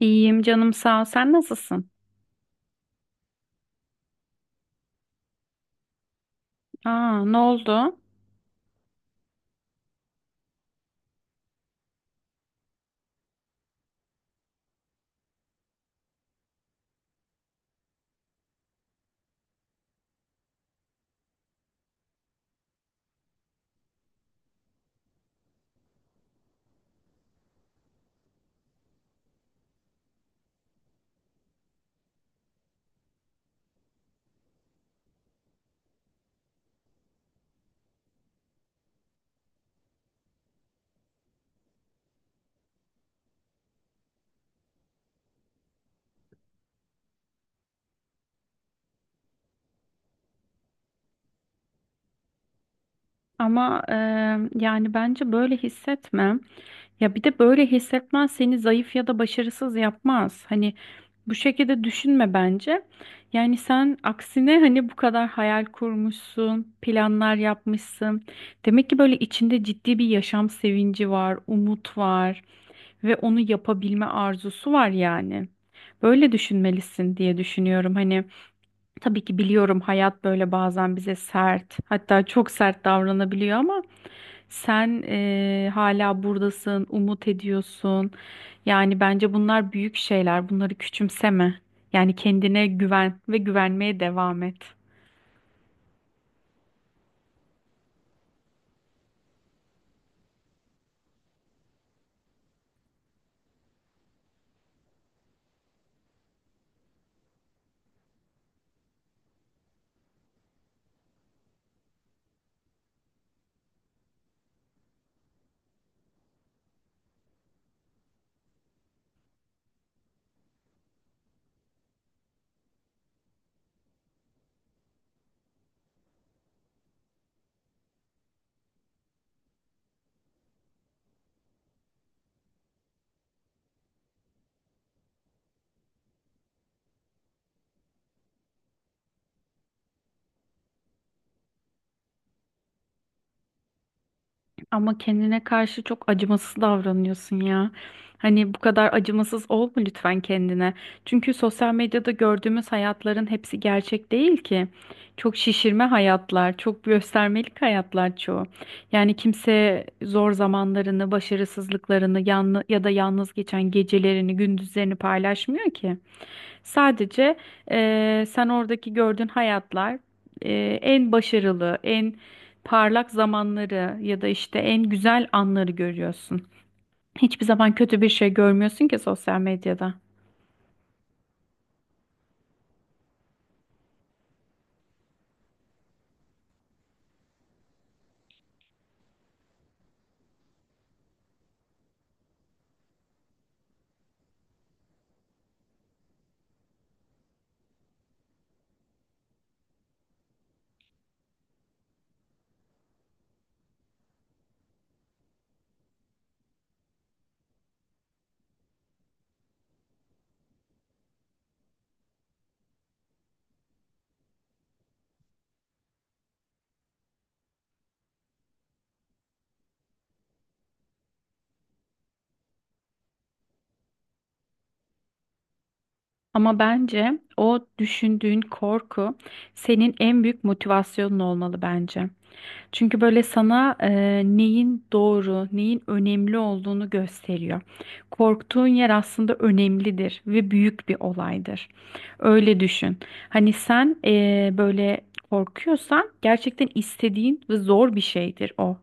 İyiyim canım sağ ol. Sen nasılsın? Aa, ne oldu? Ama yani bence böyle hissetme. Ya bir de böyle hissetmen seni zayıf ya da başarısız yapmaz. Bu şekilde düşünme bence. Yani sen aksine hani bu kadar hayal kurmuşsun, planlar yapmışsın. Demek ki böyle içinde ciddi bir yaşam sevinci var, umut var ve onu yapabilme arzusu var yani. Böyle düşünmelisin diye düşünüyorum. Hani tabii ki biliyorum hayat böyle bazen bize sert, hatta çok sert davranabiliyor ama sen hala buradasın, umut ediyorsun. Yani bence bunlar büyük şeyler. Bunları küçümseme. Yani kendine güven ve güvenmeye devam et. Ama kendine karşı çok acımasız davranıyorsun ya. Hani bu kadar acımasız olma lütfen kendine. Çünkü sosyal medyada gördüğümüz hayatların hepsi gerçek değil ki. Çok şişirme hayatlar, çok göstermelik hayatlar çoğu. Yani kimse zor zamanlarını, başarısızlıklarını, yanlı ya da yalnız geçen gecelerini, gündüzlerini paylaşmıyor ki. Sadece sen oradaki gördüğün hayatlar en başarılı, en parlak zamanları ya da işte en güzel anları görüyorsun. Hiçbir zaman kötü bir şey görmüyorsun ki sosyal medyada. Ama bence o düşündüğün korku senin en büyük motivasyonun olmalı bence. Çünkü böyle sana neyin doğru, neyin önemli olduğunu gösteriyor. Korktuğun yer aslında önemlidir ve büyük bir olaydır. Öyle düşün. Hani sen böyle korkuyorsan gerçekten istediğin ve zor bir şeydir o.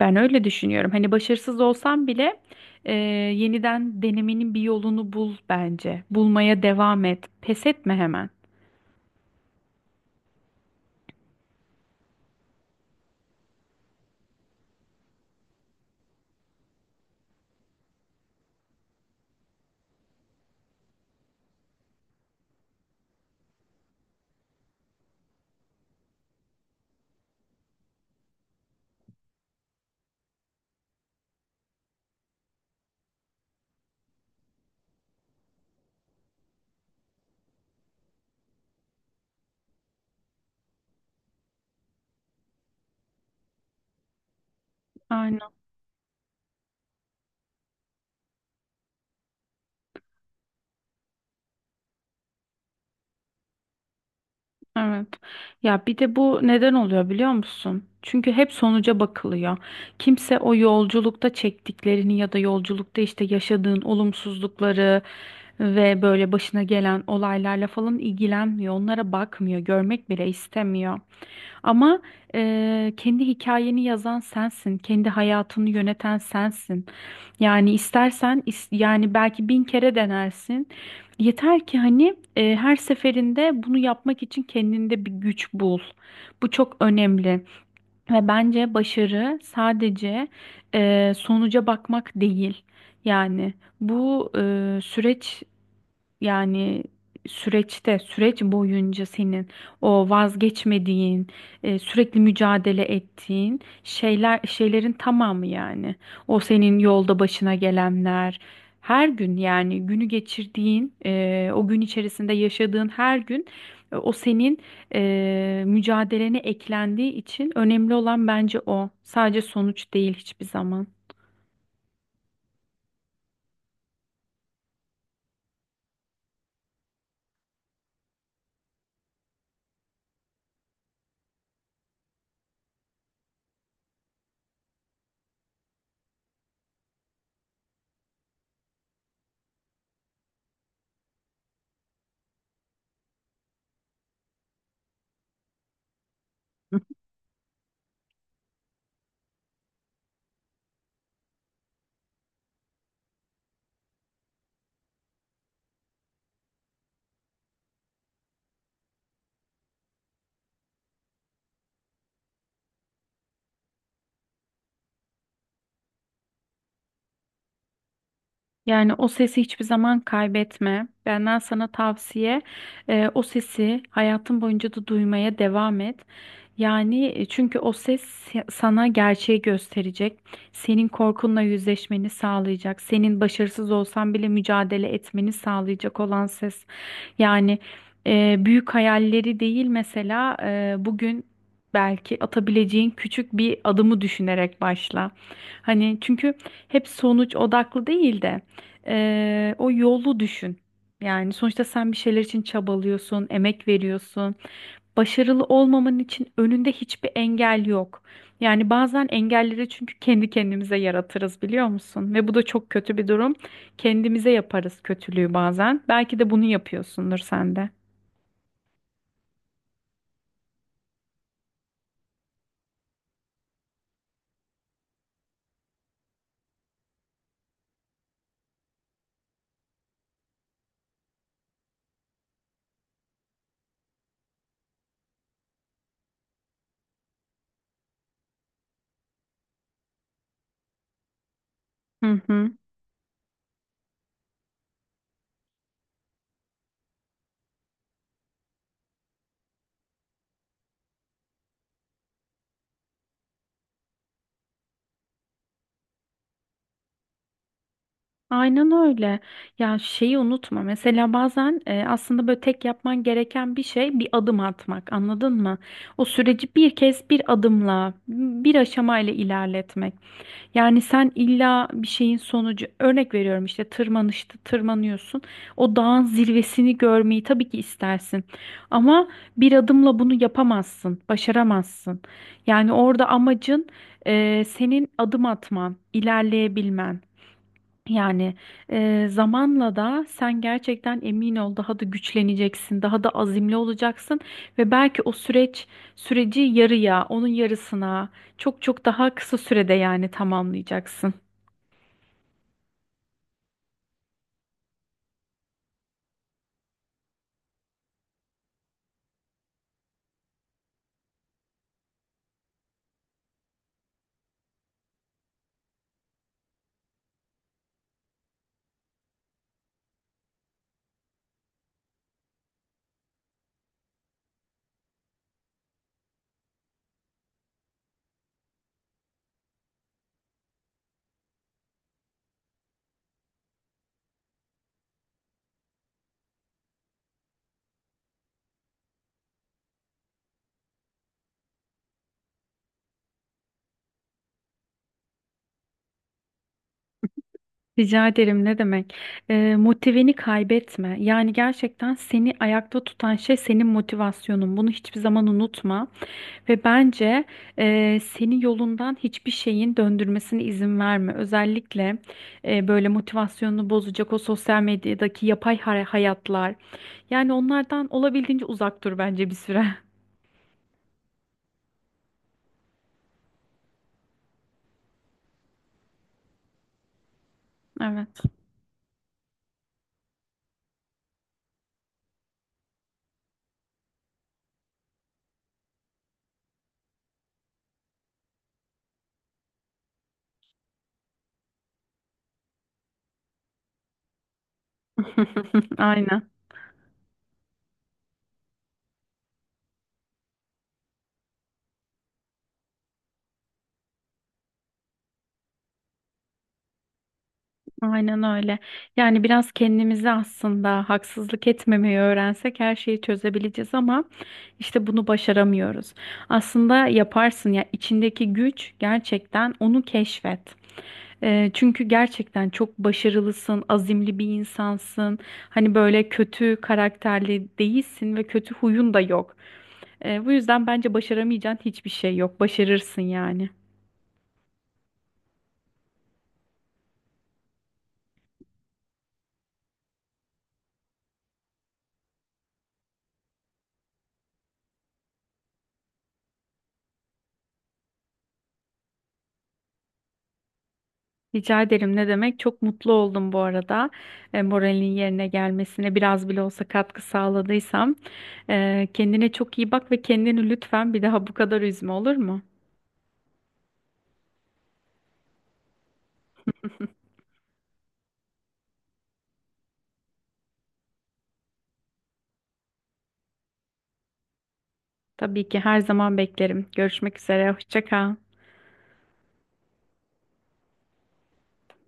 Ben öyle düşünüyorum. Hani başarısız olsam bile yeniden denemenin bir yolunu bul bence. Bulmaya devam et. Pes etme hemen. Aynen. Evet. Ya bir de bu neden oluyor biliyor musun? Çünkü hep sonuca bakılıyor. Kimse o yolculukta çektiklerini ya da yolculukta işte yaşadığın olumsuzlukları ve böyle başına gelen olaylarla falan ilgilenmiyor. Onlara bakmıyor, görmek bile istemiyor. Ama kendi hikayeni yazan sensin, kendi hayatını yöneten sensin. Yani istersen yani belki bin kere denersin. Yeter ki hani her seferinde bunu yapmak için kendinde bir güç bul. Bu çok önemli ve bence başarı sadece sonuca bakmak değil. Yani bu süreç yani süreçte, süreç boyunca senin o vazgeçmediğin, sürekli mücadele ettiğin şeyler, şeylerin tamamı yani. O senin yolda başına gelenler, her gün yani günü geçirdiğin, o gün içerisinde yaşadığın her gün o senin mücadelene eklendiği için önemli olan bence o. Sadece sonuç değil hiçbir zaman. Yani o sesi hiçbir zaman kaybetme. Benden sana tavsiye, o sesi hayatın boyunca da duymaya devam et. Yani çünkü o ses sana gerçeği gösterecek. Senin korkunla yüzleşmeni sağlayacak. Senin başarısız olsan bile mücadele etmeni sağlayacak olan ses. Yani büyük hayalleri değil mesela bugün belki atabileceğin küçük bir adımı düşünerek başla. Hani çünkü hep sonuç odaklı değil de. O yolu düşün. Yani sonuçta sen bir şeyler için çabalıyorsun, emek veriyorsun. Başarılı olmaman için önünde hiçbir engel yok. Yani bazen engelleri çünkü kendi kendimize yaratırız biliyor musun? Ve bu da çok kötü bir durum. Kendimize yaparız kötülüğü bazen. Belki de bunu yapıyorsundur sen de. Hı hı. Aynen öyle. Ya şeyi unutma. Mesela bazen aslında böyle tek yapman gereken bir şey bir adım atmak. Anladın mı? O süreci bir kez bir adımla, bir aşamayla ilerletmek. Yani sen illa bir şeyin sonucu, örnek veriyorum işte tırmanışta tırmanıyorsun. O dağın zirvesini görmeyi tabii ki istersin. Ama bir adımla bunu yapamazsın, başaramazsın. Yani orada amacın senin adım atman, ilerleyebilmen. Yani zamanla da sen gerçekten emin ol daha da güçleneceksin, daha da azimli olacaksın ve belki o süreci yarıya, onun yarısına çok çok daha kısa sürede yani tamamlayacaksın. Rica ederim ne demek? E, motiveni kaybetme. Yani gerçekten seni ayakta tutan şey senin motivasyonun. Bunu hiçbir zaman unutma. Ve bence seni yolundan hiçbir şeyin döndürmesine izin verme. Özellikle böyle motivasyonunu bozacak o sosyal medyadaki yapay hayatlar. Yani onlardan olabildiğince uzak dur bence bir süre. Evet. Aynen. Aynen öyle. Yani biraz kendimize aslında haksızlık etmemeyi öğrensek her şeyi çözebileceğiz ama işte bunu başaramıyoruz. Aslında yaparsın ya içindeki güç gerçekten onu keşfet. Çünkü gerçekten çok başarılısın, azimli bir insansın. Hani böyle kötü karakterli değilsin ve kötü huyun da yok. Bu yüzden bence başaramayacağın hiçbir şey yok. Başarırsın yani. Rica ederim ne demek? Çok mutlu oldum bu arada. E, moralin yerine gelmesine biraz bile olsa katkı sağladıysam. E, kendine çok iyi bak ve kendini lütfen bir daha bu kadar üzme olur mu? Tabii ki her zaman beklerim. Görüşmek üzere. Hoşça kal.